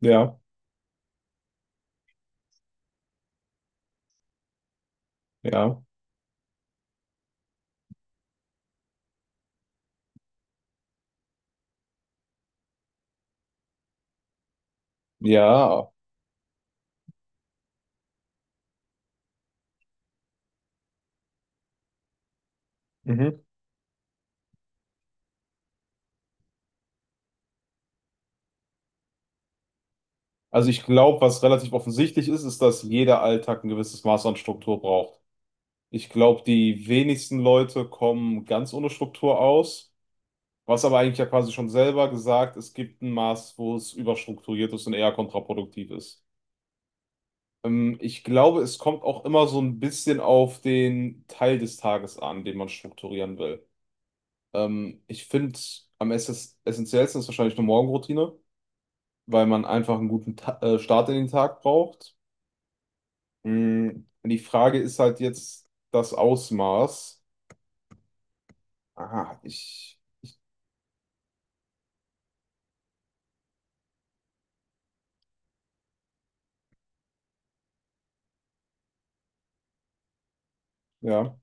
Ja, ja, ja. Mhm. Also ich glaube, was relativ offensichtlich ist, ist, dass jeder Alltag ein gewisses Maß an Struktur braucht. Ich glaube, die wenigsten Leute kommen ganz ohne Struktur aus, was aber eigentlich ja quasi schon selber gesagt, es gibt ein Maß, wo es überstrukturiert ist und eher kontraproduktiv ist. Ich glaube, es kommt auch immer so ein bisschen auf den Teil des Tages an, den man strukturieren will. Ich finde, am essentiellsten ist wahrscheinlich eine Morgenroutine, weil man einfach einen guten Ta Start in den Tag braucht. Mm. Die Frage ist halt jetzt das Ausmaß. Aha. Ich ja.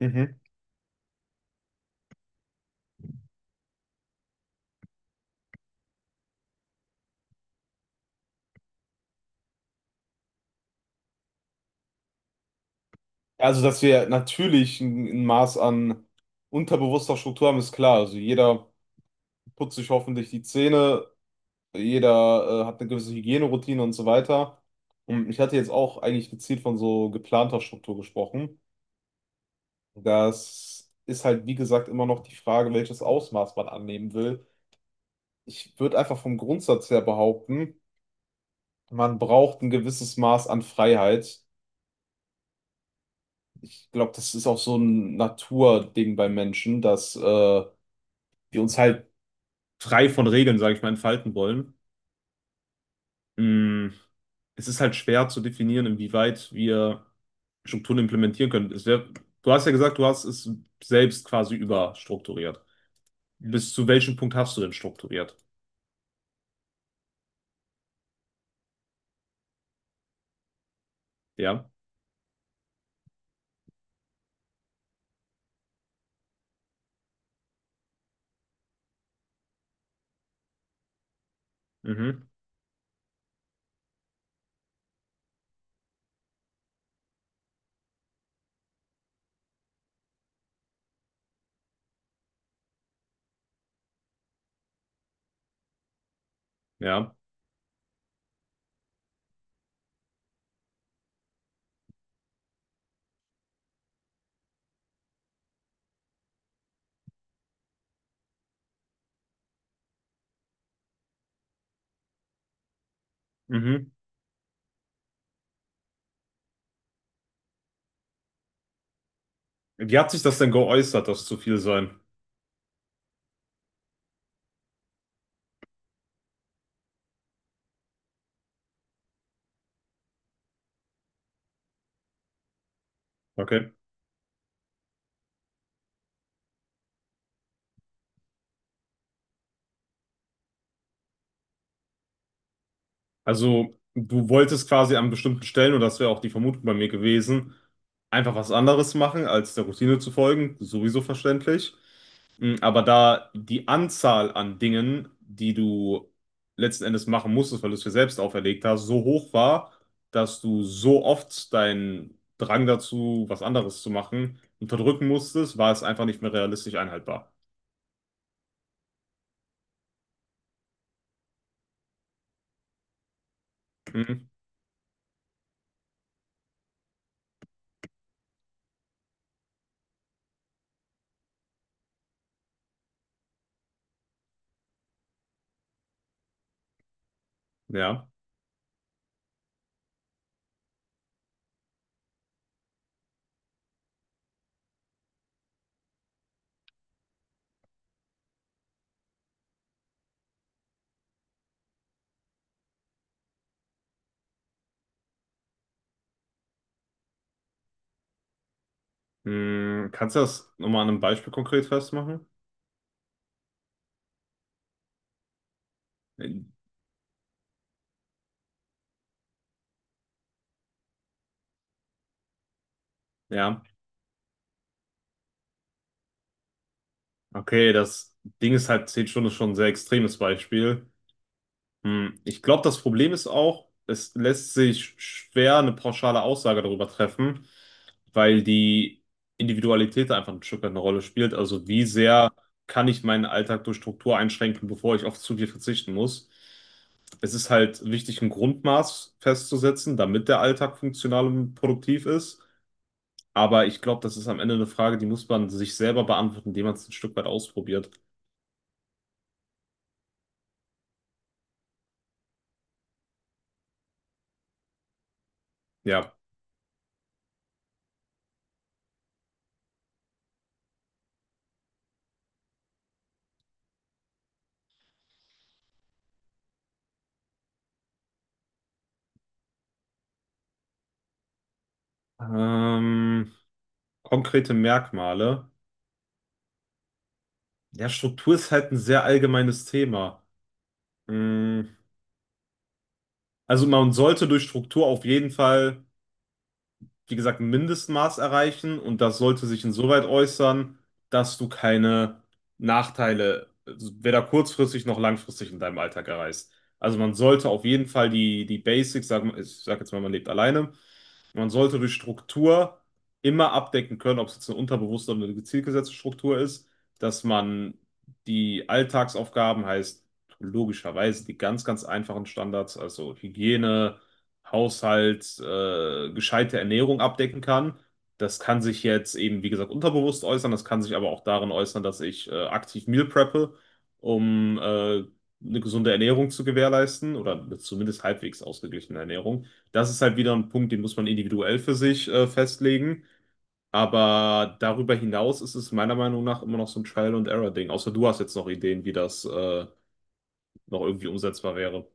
Mhm. Also, dass wir natürlich ein Maß an unterbewusster Struktur haben, ist klar. Also jeder putzt sich hoffentlich die Zähne, jeder hat eine gewisse Hygieneroutine und so weiter. Und ich hatte jetzt auch eigentlich gezielt von so geplanter Struktur gesprochen. Das ist halt, wie gesagt, immer noch die Frage, welches Ausmaß man annehmen will. Ich würde einfach vom Grundsatz her behaupten, man braucht ein gewisses Maß an Freiheit. Ich glaube, das ist auch so ein Naturding bei Menschen, dass wir uns halt frei von Regeln, sage ich mal, entfalten wollen. Mm, es ist halt schwer zu definieren, inwieweit wir Strukturen implementieren können. Es wär, du hast ja gesagt, du hast es selbst quasi überstrukturiert. Bis zu welchem Punkt hast du denn strukturiert? Ja. Mhm. Ja. Mhm. Wie hat sich das denn geäußert, dass es zu viel sein? Okay. Also, du wolltest quasi an bestimmten Stellen, und das wäre auch die Vermutung bei mir gewesen, einfach was anderes machen, als der Routine zu folgen, sowieso verständlich. Mm, aber da die Anzahl an Dingen, die du letzten Endes machen musstest, weil du es dir selbst auferlegt hast, so hoch war, dass du so oft deinen Drang dazu, was anderes zu machen, unterdrücken musstest, war es einfach nicht mehr realistisch einhaltbar. Mhm. Ja. Mm, kannst du das nochmal an einem Beispiel konkret festmachen? Äh, Ja. Okay, das Ding ist halt, 10 Stunden ist schon ein sehr extremes Beispiel. Hm, ich glaube, das Problem ist auch, es lässt sich schwer eine pauschale Aussage darüber treffen, weil die Individualität einfach ein Stück weit eine Rolle spielt. Also wie sehr kann ich meinen Alltag durch Struktur einschränken, bevor ich auf zu viel verzichten muss? Es ist halt wichtig, ein Grundmaß festzusetzen, damit der Alltag funktional und produktiv ist. Aber ich glaube, das ist am Ende eine Frage, die muss man sich selber beantworten, indem man es ein Stück weit ausprobiert. Ja. Ähm, konkrete Merkmale. Ja, Struktur ist halt ein sehr allgemeines Thema. Mm, also man sollte durch Struktur auf jeden Fall, wie gesagt, ein Mindestmaß erreichen und das sollte sich insoweit äußern, dass du keine Nachteile, also weder kurzfristig noch langfristig in deinem Alltag erreichst. Also man sollte auf jeden Fall die Basics, sag, ich sag jetzt mal, man lebt alleine. Man sollte durch Struktur immer abdecken können, ob es jetzt eine unterbewusste oder eine gezielt gesetzte Struktur ist, dass man die Alltagsaufgaben, heißt logischerweise die ganz einfachen Standards, also Hygiene, Haushalt, gescheite Ernährung abdecken kann. Das kann sich jetzt eben, wie gesagt, unterbewusst äußern. Das kann sich aber auch darin äußern, dass ich aktiv Meal preppe, um eine gesunde Ernährung zu gewährleisten oder zumindest halbwegs ausgeglichene Ernährung. Das ist halt wieder ein Punkt, den muss man individuell für sich festlegen. Aber darüber hinaus ist es meiner Meinung nach immer noch so ein Trial-and-Error-Ding. Außer du hast jetzt noch Ideen, wie das noch irgendwie umsetzbar wäre.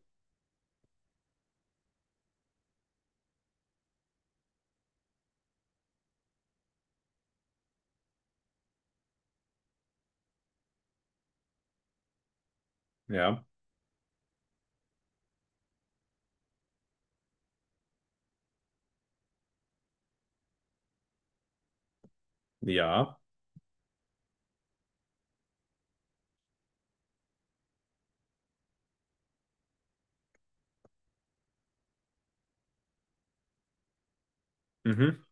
Ja, ja, mhm,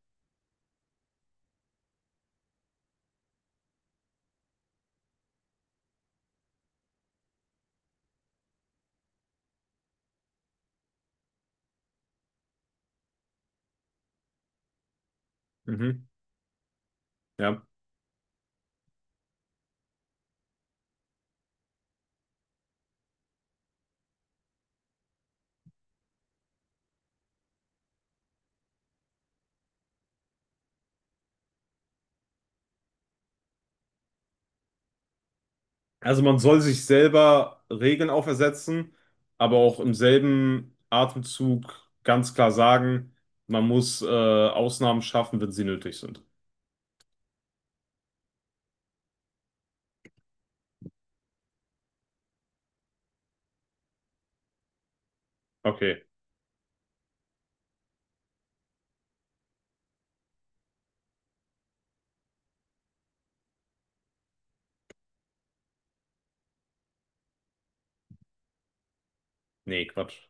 mhm, ja. Also man soll sich selber Regeln aufersetzen, aber auch im selben Atemzug ganz klar sagen, man muss Ausnahmen schaffen, wenn sie nötig sind. Okay, nee, Quatsch.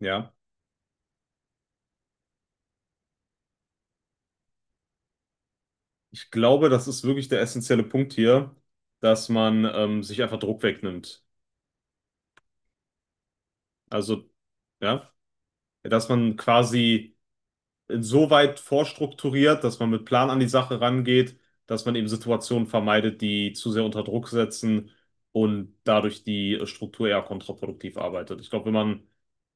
Ja. Ich glaube, das ist wirklich der essentielle Punkt hier, dass man sich einfach Druck wegnimmt. Also, ja, dass man quasi insoweit vorstrukturiert, dass man mit Plan an die Sache rangeht, dass man eben Situationen vermeidet, die zu sehr unter Druck setzen und dadurch die Struktur eher kontraproduktiv arbeitet. Ich glaube, wenn man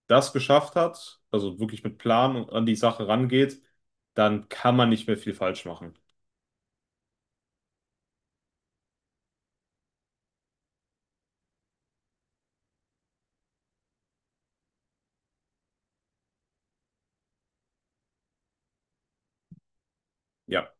das geschafft hat, also wirklich mit Plan an die Sache rangeht, dann kann man nicht mehr viel falsch machen. Ja.